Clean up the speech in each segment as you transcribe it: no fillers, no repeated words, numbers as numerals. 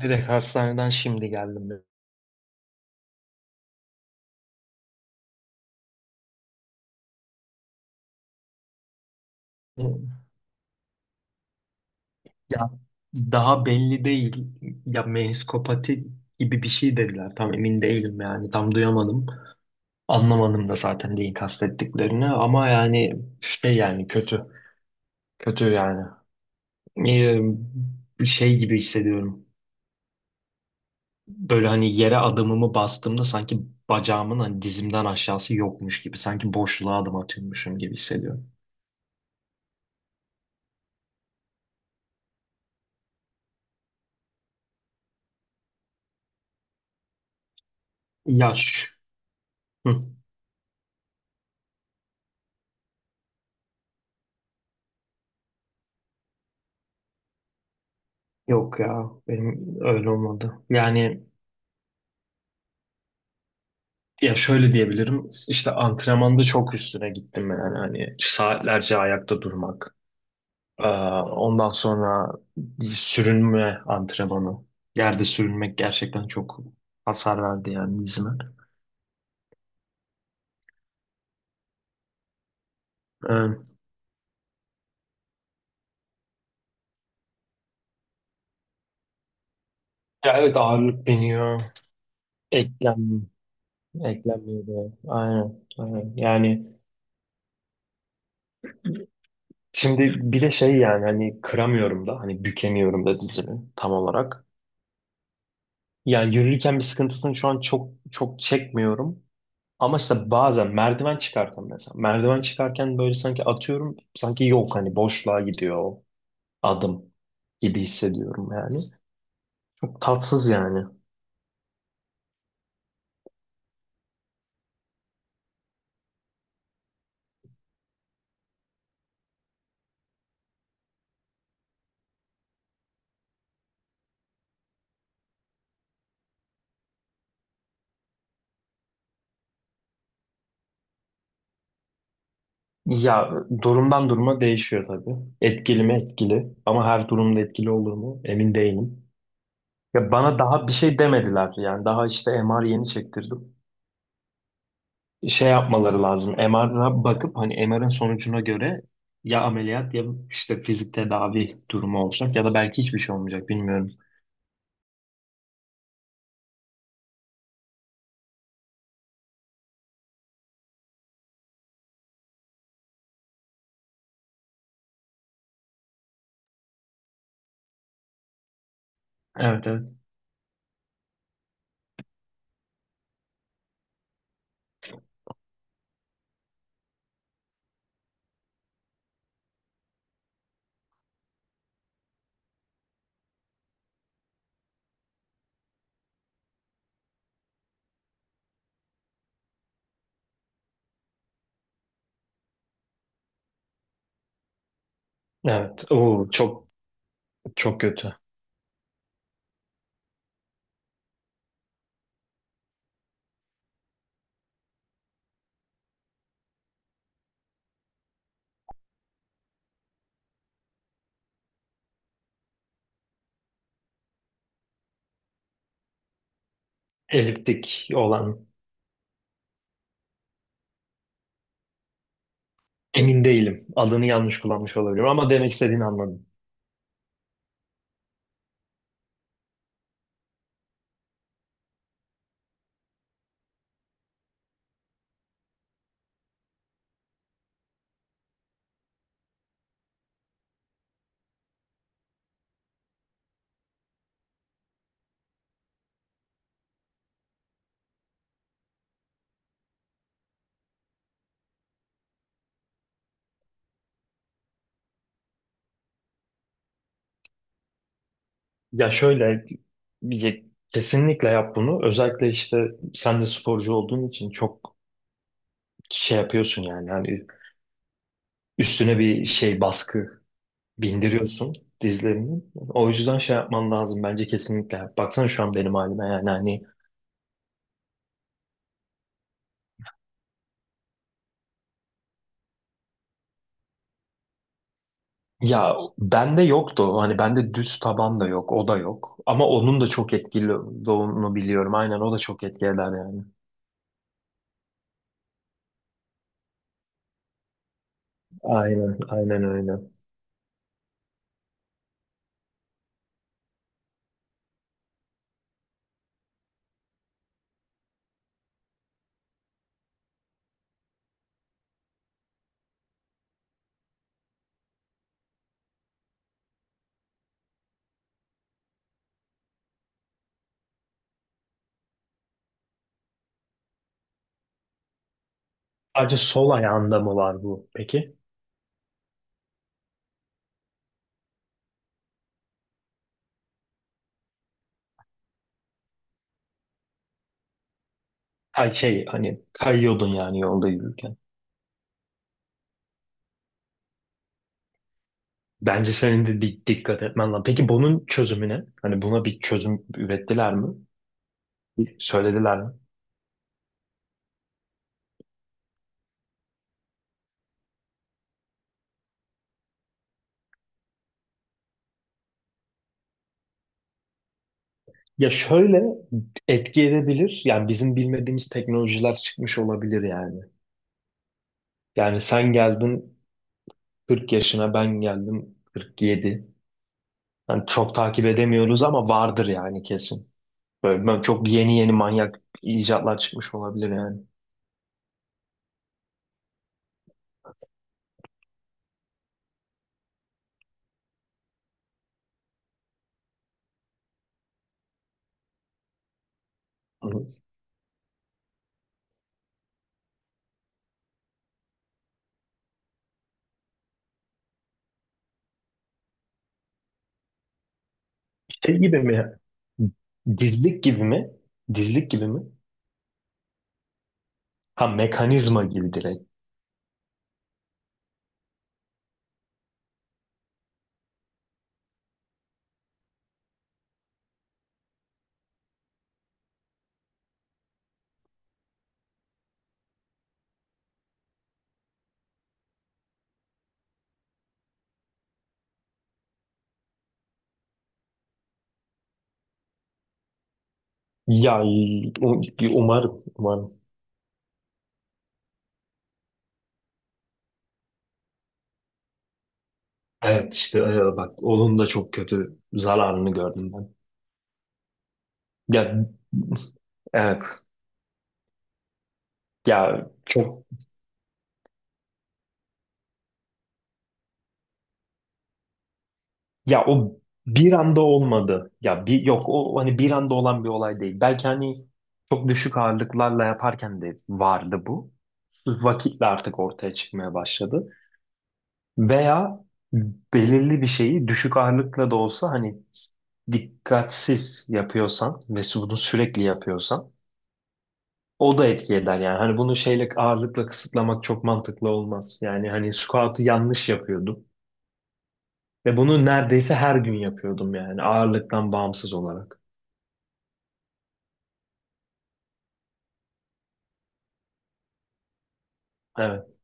Direkt hastaneden şimdi geldim ben. Ya daha belli değil. Ya meniskopati gibi bir şey dediler. Tam emin değilim yani. Tam duyamadım. Anlamadım da zaten neyi kastettiklerini. Ama yani şey, yani kötü. Kötü yani. Ee, Bir şey gibi hissediyorum. Böyle hani yere adımımı bastığımda sanki bacağımın, hani dizimden aşağısı yokmuş gibi. Sanki boşluğa adım atıyormuşum gibi hissediyorum. Yaş. Hı. Yok ya, benim öyle olmadı. Yani ya şöyle diyebilirim. İşte antrenmanda çok üstüne gittim yani, hani saatlerce ayakta durmak. Ee, ondan sonra sürünme antrenmanı. Yerde sürünmek gerçekten çok hasar verdi yani dizime. Ee, ya evet, ağırlık biniyor. Eklem, eklenmiyor da. Aynen, aynen. Yani şimdi bir de şey, yani hani kıramıyorum da, hani bükemiyorum da dizimi tam olarak. Yani yürürken bir sıkıntısını şu an çok çok çekmiyorum. Ama işte bazen merdiven çıkarken mesela. Merdiven çıkarken böyle sanki atıyorum. Sanki yok, hani boşluğa gidiyor o adım gibi hissediyorum yani. Çok tatsız yani. Ya durumdan duruma değişiyor tabii. Etkili mi etkili, ama her durumda etkili olur mu emin değilim. Ya bana daha bir şey demediler yani, daha işte MR yeni çektirdim. Şey yapmaları lazım, MR'a bakıp hani MR'ın sonucuna göre ya ameliyat, ya işte fizik tedavi durumu olacak, ya da belki hiçbir şey olmayacak, bilmiyorum. Evet, evet. Evet. Oo, çok çok kötü. Eliptik olan. Emin değilim. Adını yanlış kullanmış olabilirim ama demek istediğini anladım. Ya şöyle, bir kesinlikle yap bunu. Özellikle işte sen de sporcu olduğun için çok şey yapıyorsun yani. Yani üstüne bir şey, baskı bindiriyorsun dizlerinin. O yüzden şey yapman lazım bence, kesinlikle. Baksana şu an benim halime yani, hani. Ya bende yoktu o. Hani bende düz taban da yok. O da yok. Ama onun da çok etkili olduğunu biliyorum. Aynen, o da çok etki eder yani. Aynen. Aynen öyle. Sadece sol ayağında mı var bu peki? Hay şey, hani kayıyordun yani yolda yürürken. Bence senin de bir dikkat etmen lazım. Peki bunun çözümü ne? Hani buna bir çözüm ürettiler mi? Söylediler mi? Ya şöyle, etki edebilir. Yani bizim bilmediğimiz teknolojiler çıkmış olabilir yani. Yani sen geldin 40 yaşına, ben geldim 47. Yani çok takip edemiyoruz ama vardır yani, kesin. Böyle ben, çok yeni yeni manyak icatlar çıkmış olabilir yani. Şey gibi mi? Dizlik gibi mi? Dizlik gibi mi? Ha, mekanizma gibi direkt. Ya umarım, umarım. Evet işte, bak onun da çok kötü zararını gördüm ben. Ya evet. Ya çok ya o bir anda olmadı. Ya bir yok, o hani bir anda olan bir olay değil. Belki hani çok düşük ağırlıklarla yaparken de vardı bu. Vakitle artık ortaya çıkmaya başladı. Veya belirli bir şeyi düşük ağırlıkla da olsa hani dikkatsiz yapıyorsan ve bunu sürekli yapıyorsan, o da etki eder yani. Hani bunu şeyle, ağırlıkla kısıtlamak çok mantıklı olmaz. Yani hani squat'u yanlış yapıyordum. Ve bunu neredeyse her gün yapıyordum yani, ağırlıktan bağımsız olarak. Evet.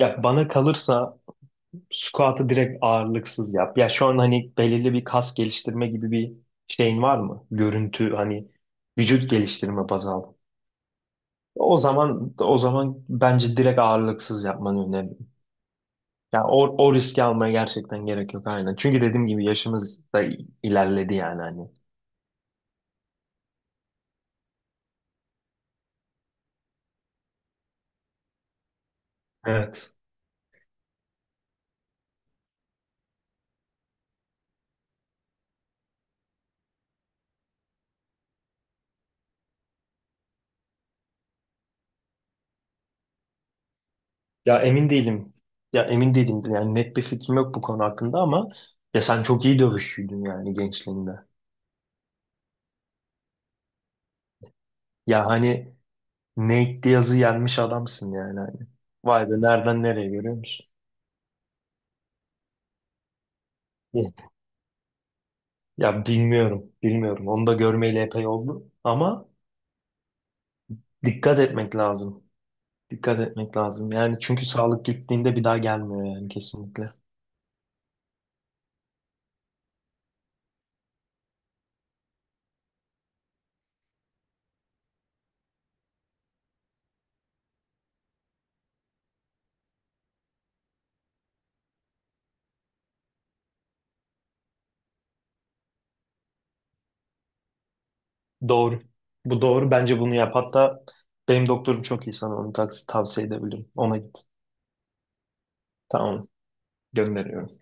Ya bana kalırsa squat'ı direkt ağırlıksız yap. Ya şu an hani belirli bir kas geliştirme gibi bir şeyin var mı? Görüntü, hani vücut geliştirme baz al. O zaman bence direkt ağırlıksız yapmanı öneririm. Ya o, o riski almaya gerçekten gerek yok, aynen. Çünkü dediğim gibi yaşımız da ilerledi yani, hani. Evet. Ya emin değilim. Ya emin değilim. Yani net bir fikrim yok bu konu hakkında ama ya sen çok iyi dövüşçüydün yani gençliğinde. Ya hani Nate Diaz'ı yenmiş adamsın yani, hani. Vay be, nereden nereye, görüyor musun? Ya ya bilmiyorum, bilmiyorum. Onu da görmeyeli epey oldu ama dikkat etmek lazım. Dikkat etmek lazım. Yani çünkü sağlık gittiğinde bir daha gelmiyor yani, kesinlikle. Doğru. Bu doğru. Bence bunu yap. Hatta benim doktorum çok iyi, sana onu tavsiye edebilirim. Ona git. Tamam. Gönderiyorum.